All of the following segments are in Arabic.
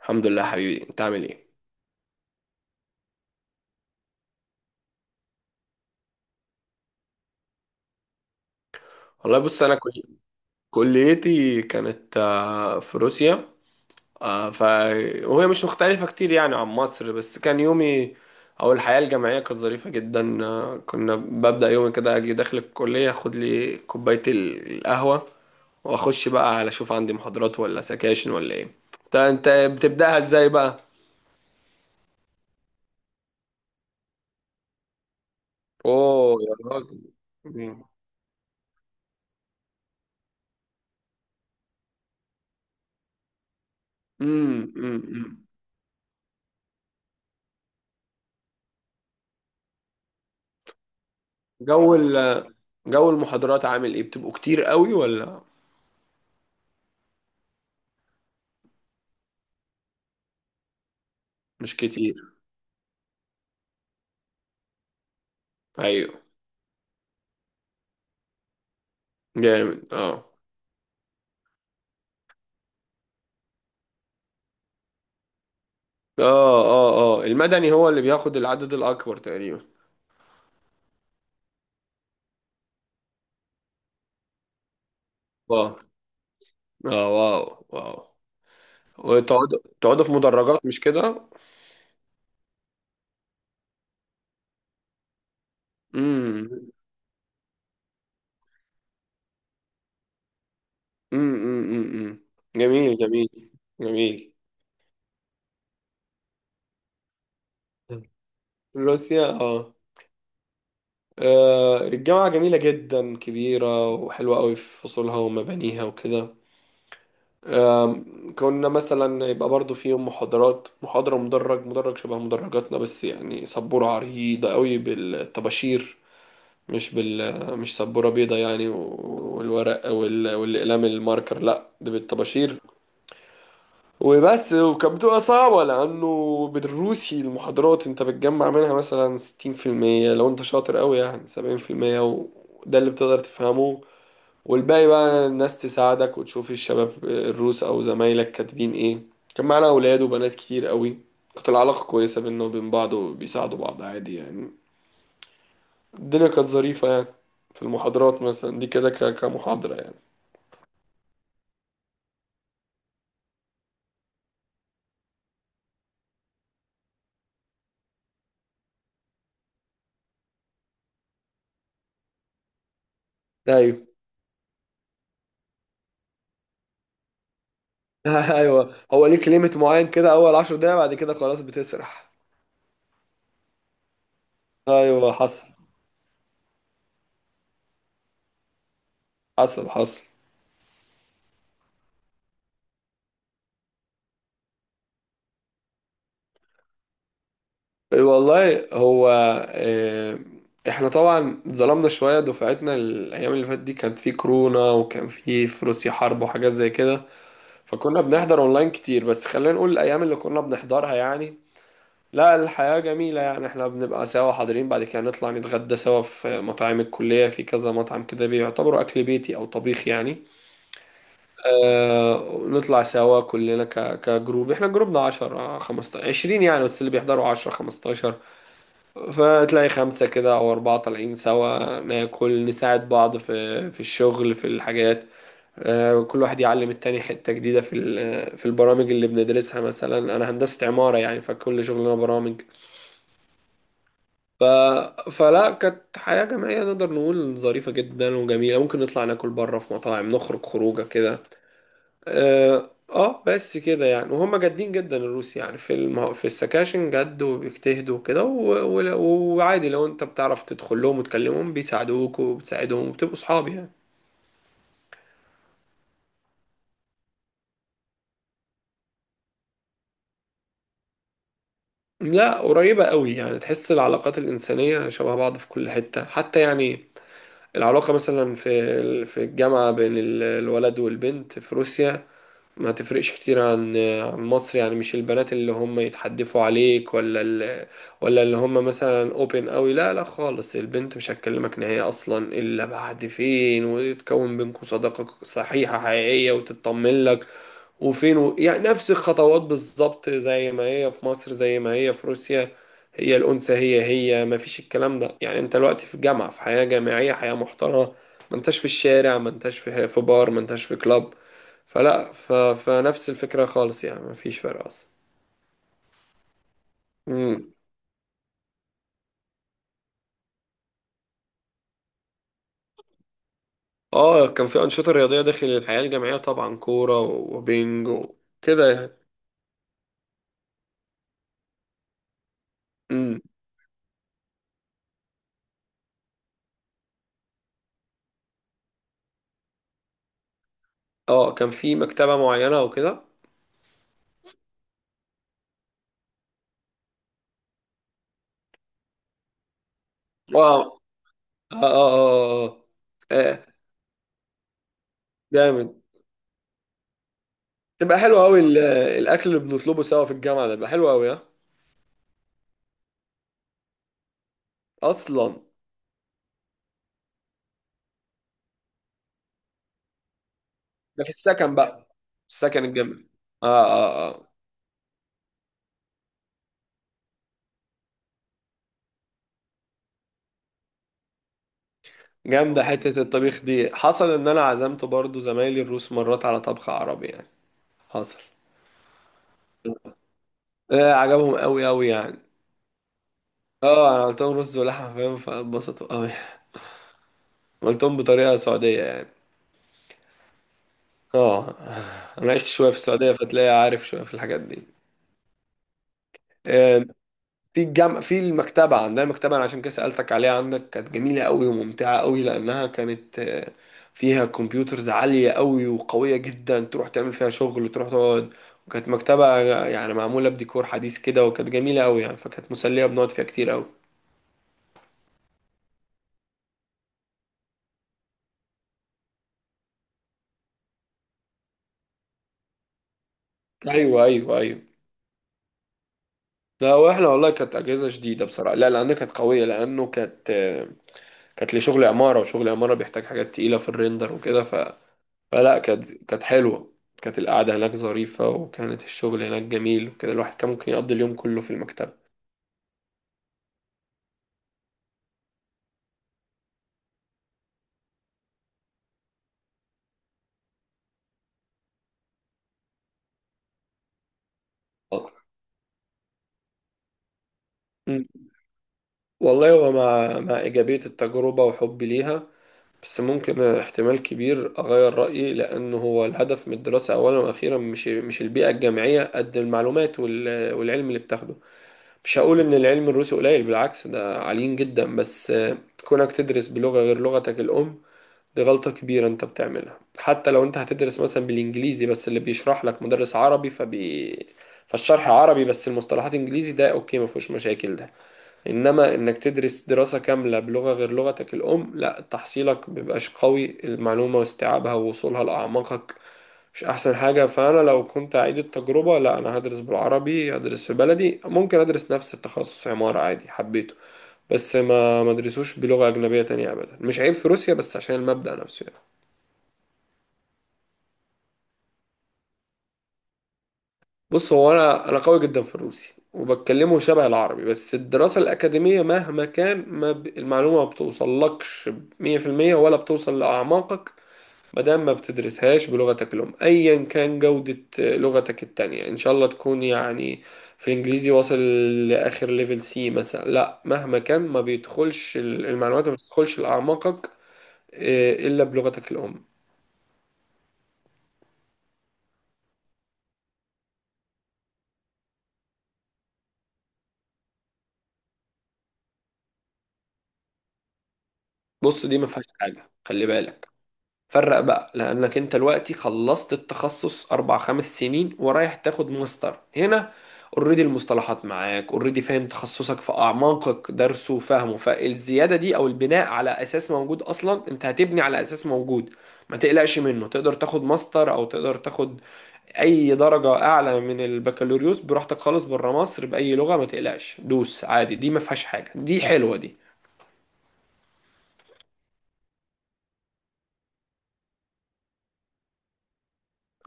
الحمد لله، حبيبي. انت عامل ايه؟ والله، بص. كليتي كانت في روسيا. آه، ف وهي مش مختلفة كتير يعني عن مصر، بس كان يومي او الحياة الجامعية كانت ظريفة جدا. كنا ببدأ يومي كده، اجي داخل الكلية اخد لي كوباية القهوة، واخش بقى على اشوف عندي محاضرات ولا سكاشن ولا ايه. انت بتبدأها ازاي بقى؟ اوه يا راجل. مم. مم. مم. جو ال- جو المحاضرات عامل ايه، بتبقوا كتير قوي ولا مش كتير؟ ايوه جامد. اه اه اه اه. المدني هو اللي بياخد العدد الاكبر تقريبا. واو. اه، واو واو. وتقعدوا في مدرجات، مش كده؟ امم أمم. جميل جميل جميل. روسيا، اه. الجامعة جميلة جدا، كبيرة وحلوة قوي في فصولها ومبانيها وكده. كنا مثلا يبقى برضو فيهم محاضرات، محاضرة مدرج شبه مدرجاتنا، بس يعني سبورة عريضة قوي بالطباشير. مش سبورة بيضة يعني، والورق والأقلام الماركر، لا ده بالطباشير. وبس. وكانت بتبقى صعبة، لأنه بالروسي المحاضرات أنت بتجمع منها مثلا 60%، لو أنت شاطر قوي يعني 70%، وده اللي بتقدر تفهمه. والباقي بقى الناس تساعدك، وتشوف الشباب الروس او زمايلك كاتبين ايه. كان معانا اولاد وبنات كتير قوي. كانت العلاقة كويسة بينا وبين بعض، وبيساعدوا بعض عادي يعني. الدنيا كانت ظريفة يعني. في المحاضرات مثلا دي كده، كمحاضرة يعني. ايوه. ايوه، هو ليك ليميت معين كده، اول 10 دقايق بعد كده خلاص بتسرح. ايوه، حصل. حصل حصل. والله هو. آه، احنا طبعا اتظلمنا شوية. دفعتنا الأيام اللي فاتت دي كانت في كورونا، وكان في روسيا حرب وحاجات زي كده، فكنا بنحضر أونلاين كتير. بس خلينا نقول الأيام اللي كنا بنحضرها يعني. لا، الحياة جميلة يعني، احنا بنبقى سوا حاضرين، بعد كده نطلع نتغدى سوا في مطاعم الكلية، في كذا مطعم كده بيعتبروا أكل بيتي أو طبيخ يعني. نطلع سوا كلنا كجروب. احنا جروبنا 10 15 20 يعني، بس اللي بيحضروا 10 15، فتلاقي خمسة كده أو أربعة طالعين سوا، ناكل نساعد بعض في الشغل في الحاجات. كل واحد يعلم التاني حتة جديدة في البرامج اللي بندرسها. مثلا أنا هندسة عمارة يعني، فكل شغلنا برامج. ف... فلا، كانت حياة جماعية نقدر نقول ظريفة جدا وجميلة. ممكن نطلع ناكل بره في مطاعم، نخرج خروجة كده. اه. بس كده يعني. وهم جادين جدا الروس يعني، في السكاشن جد، وبيجتهدوا وكده. وعادي لو انت بتعرف تدخل لهم وتكلمهم بيساعدوك وبتساعدهم وبتبقوا صحاب يعني. لا، قريبة قوي يعني، تحس العلاقات الإنسانية شبه بعض في كل حتة حتى يعني. العلاقة مثلا في الجامعة بين الولد والبنت في روسيا، ما تفرقش كتير عن مصر يعني. مش البنات اللي هم يتحدفوا عليك، ولا اللي هم مثلا اوبن قوي. لا لا خالص، البنت مش هتكلمك نهائي اصلا الا بعد فين، ويتكون بينكم صداقة صحيحة حقيقية وتطمن لك يعني نفس الخطوات بالظبط، زي ما هي في مصر زي ما هي في روسيا. هي الأنثى هي هي، ما فيش الكلام ده يعني. انت دلوقتي في جامعة، في حياة جامعية، حياة محترمة. ما انتش في الشارع، ما انتش في بار، ما انتش في كلاب. فلا، فنفس الفكرة خالص يعني، مفيش فرق أصلا. مم. اه، كان في أنشطة رياضية داخل الحياة الجامعية طبعا، كورة وبينج وكده يعني. مم. اه، كان في مكتبة معينة وكده. اه اه اه اه اه. آه، آه، جامد. تبقى حلو أوي الأكل اللي بنطلبه سوا في الجامعة، ده بيبقى حلو أوي، ها؟ أصلا ده في السكن بقى، في السكن الجامعي. اه اه اه. جامدة حتة الطبيخ دي. حصل إن أنا عزمت برضو زمايلي الروس مرات على طبخ عربي يعني. حصل. لا، عجبهم قوي قوي يعني. اه، انا قلت لهم رز ولحمه فاهم، فاتبسطوا قوي. قلتهم بطريقه سعوديه يعني. اه، انا عشت شويه في السعوديه، فتلاقي عارف شويه في الحاجات دي. آه، في الجامعة في المكتبة عندنا، المكتبة أنا عشان كده سألتك عليها عندك. كانت جميلة قوي وممتعة قوي، لأنها كانت فيها كمبيوترز عالية قوي وقوية جدا، تروح تعمل فيها شغل تروح تقعد. وكانت مكتبة يعني معمولة بديكور حديث كده، وكانت جميلة قوي يعني، فكانت مسلية بنقعد فيها كتير قوي. أيوه أيوه أيوه. لا، واحنا والله كانت اجهزه شديده بصراحه. لا، لان كانت قويه، لانه كانت كانت لشغل عماره، وشغل عماره بيحتاج حاجات تقيله في الريندر وكده. فلا، كانت حلوه. كانت القعده هناك ظريفه، وكانت الشغل هناك جميل وكده. الواحد كان ممكن يقضي اليوم كله في المكتبه. آه. أمم. والله، هو مع ايجابيه التجربه وحبي ليها، بس ممكن احتمال كبير اغير رايي. لانه هو الهدف من الدراسه اولا واخيرا مش البيئه الجامعيه، قد المعلومات والعلم اللي بتاخده. مش هقول ان العلم الروسي قليل، بالعكس ده عاليين جدا، بس كونك تدرس بلغة غير لغتك الام دي غلطة كبيرة انت بتعملها. حتى لو انت هتدرس مثلا بالانجليزي، بس اللي بيشرح لك مدرس عربي، فبي فالشرح عربي بس المصطلحات انجليزي، ده اوكي ما فيهوش مشاكل ده. انما انك تدرس دراسة كاملة بلغة غير لغتك الام، لا تحصيلك بيبقاش قوي، المعلومة واستيعابها ووصولها لأعماقك مش احسن حاجة. فانا لو كنت اعيد التجربة، لا، انا هدرس بالعربي، هدرس في بلدي. ممكن ادرس نفس التخصص عمارة عادي، حبيته، بس ما ادرسوش بلغة اجنبية تانية ابدا. مش عيب في روسيا، بس عشان المبدأ نفسه يعني. بص، هو انا قوي جدا في الروسي، وبتكلمه شبه العربي، بس الدراسة الأكاديمية مهما كان، ما ب... المعلومة ما بتوصلكش 100% ولا بتوصل لأعماقك، ما دام ما بتدرسهاش بلغتك الأم. أيا كان جودة لغتك التانية، إن شاء الله تكون يعني في الإنجليزي واصل لآخر ليفل سي مثلا، لا، مهما كان ما بيدخلش المعلومات ما بتدخلش لأعماقك، إلا بلغتك الأم. بص دي ما فيهاش حاجة، خلي بالك. فرق بقى، لانك انت دلوقتي خلصت التخصص 4 5 سنين، ورايح تاخد ماستر هنا. اوريدي المصطلحات معاك، اوريدي فاهم تخصصك في اعماقك، درسه وفهمه. فالزياده دي او البناء على اساس موجود، اصلا انت هتبني على اساس موجود، ما تقلقش منه. تقدر تاخد ماستر، او تقدر تاخد اي درجه اعلى من البكالوريوس براحتك خالص بره مصر باي لغه، ما تقلقش، دوس عادي، دي ما فيهاش حاجه، دي حلوه دي.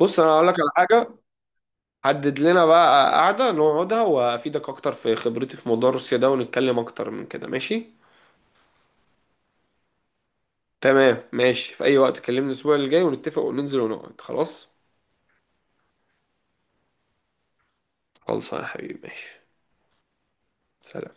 بص انا هقول لك على حاجه. حدد لنا بقى قعدة نقعدها، وأفيدك أكتر في خبرتي في موضوع روسيا ده، ونتكلم أكتر من كده، ماشي؟ تمام ماشي، في أي وقت كلمني الأسبوع اللي جاي ونتفق وننزل ونقعد، خلاص؟ خلص يا حبيبي ماشي. سلام.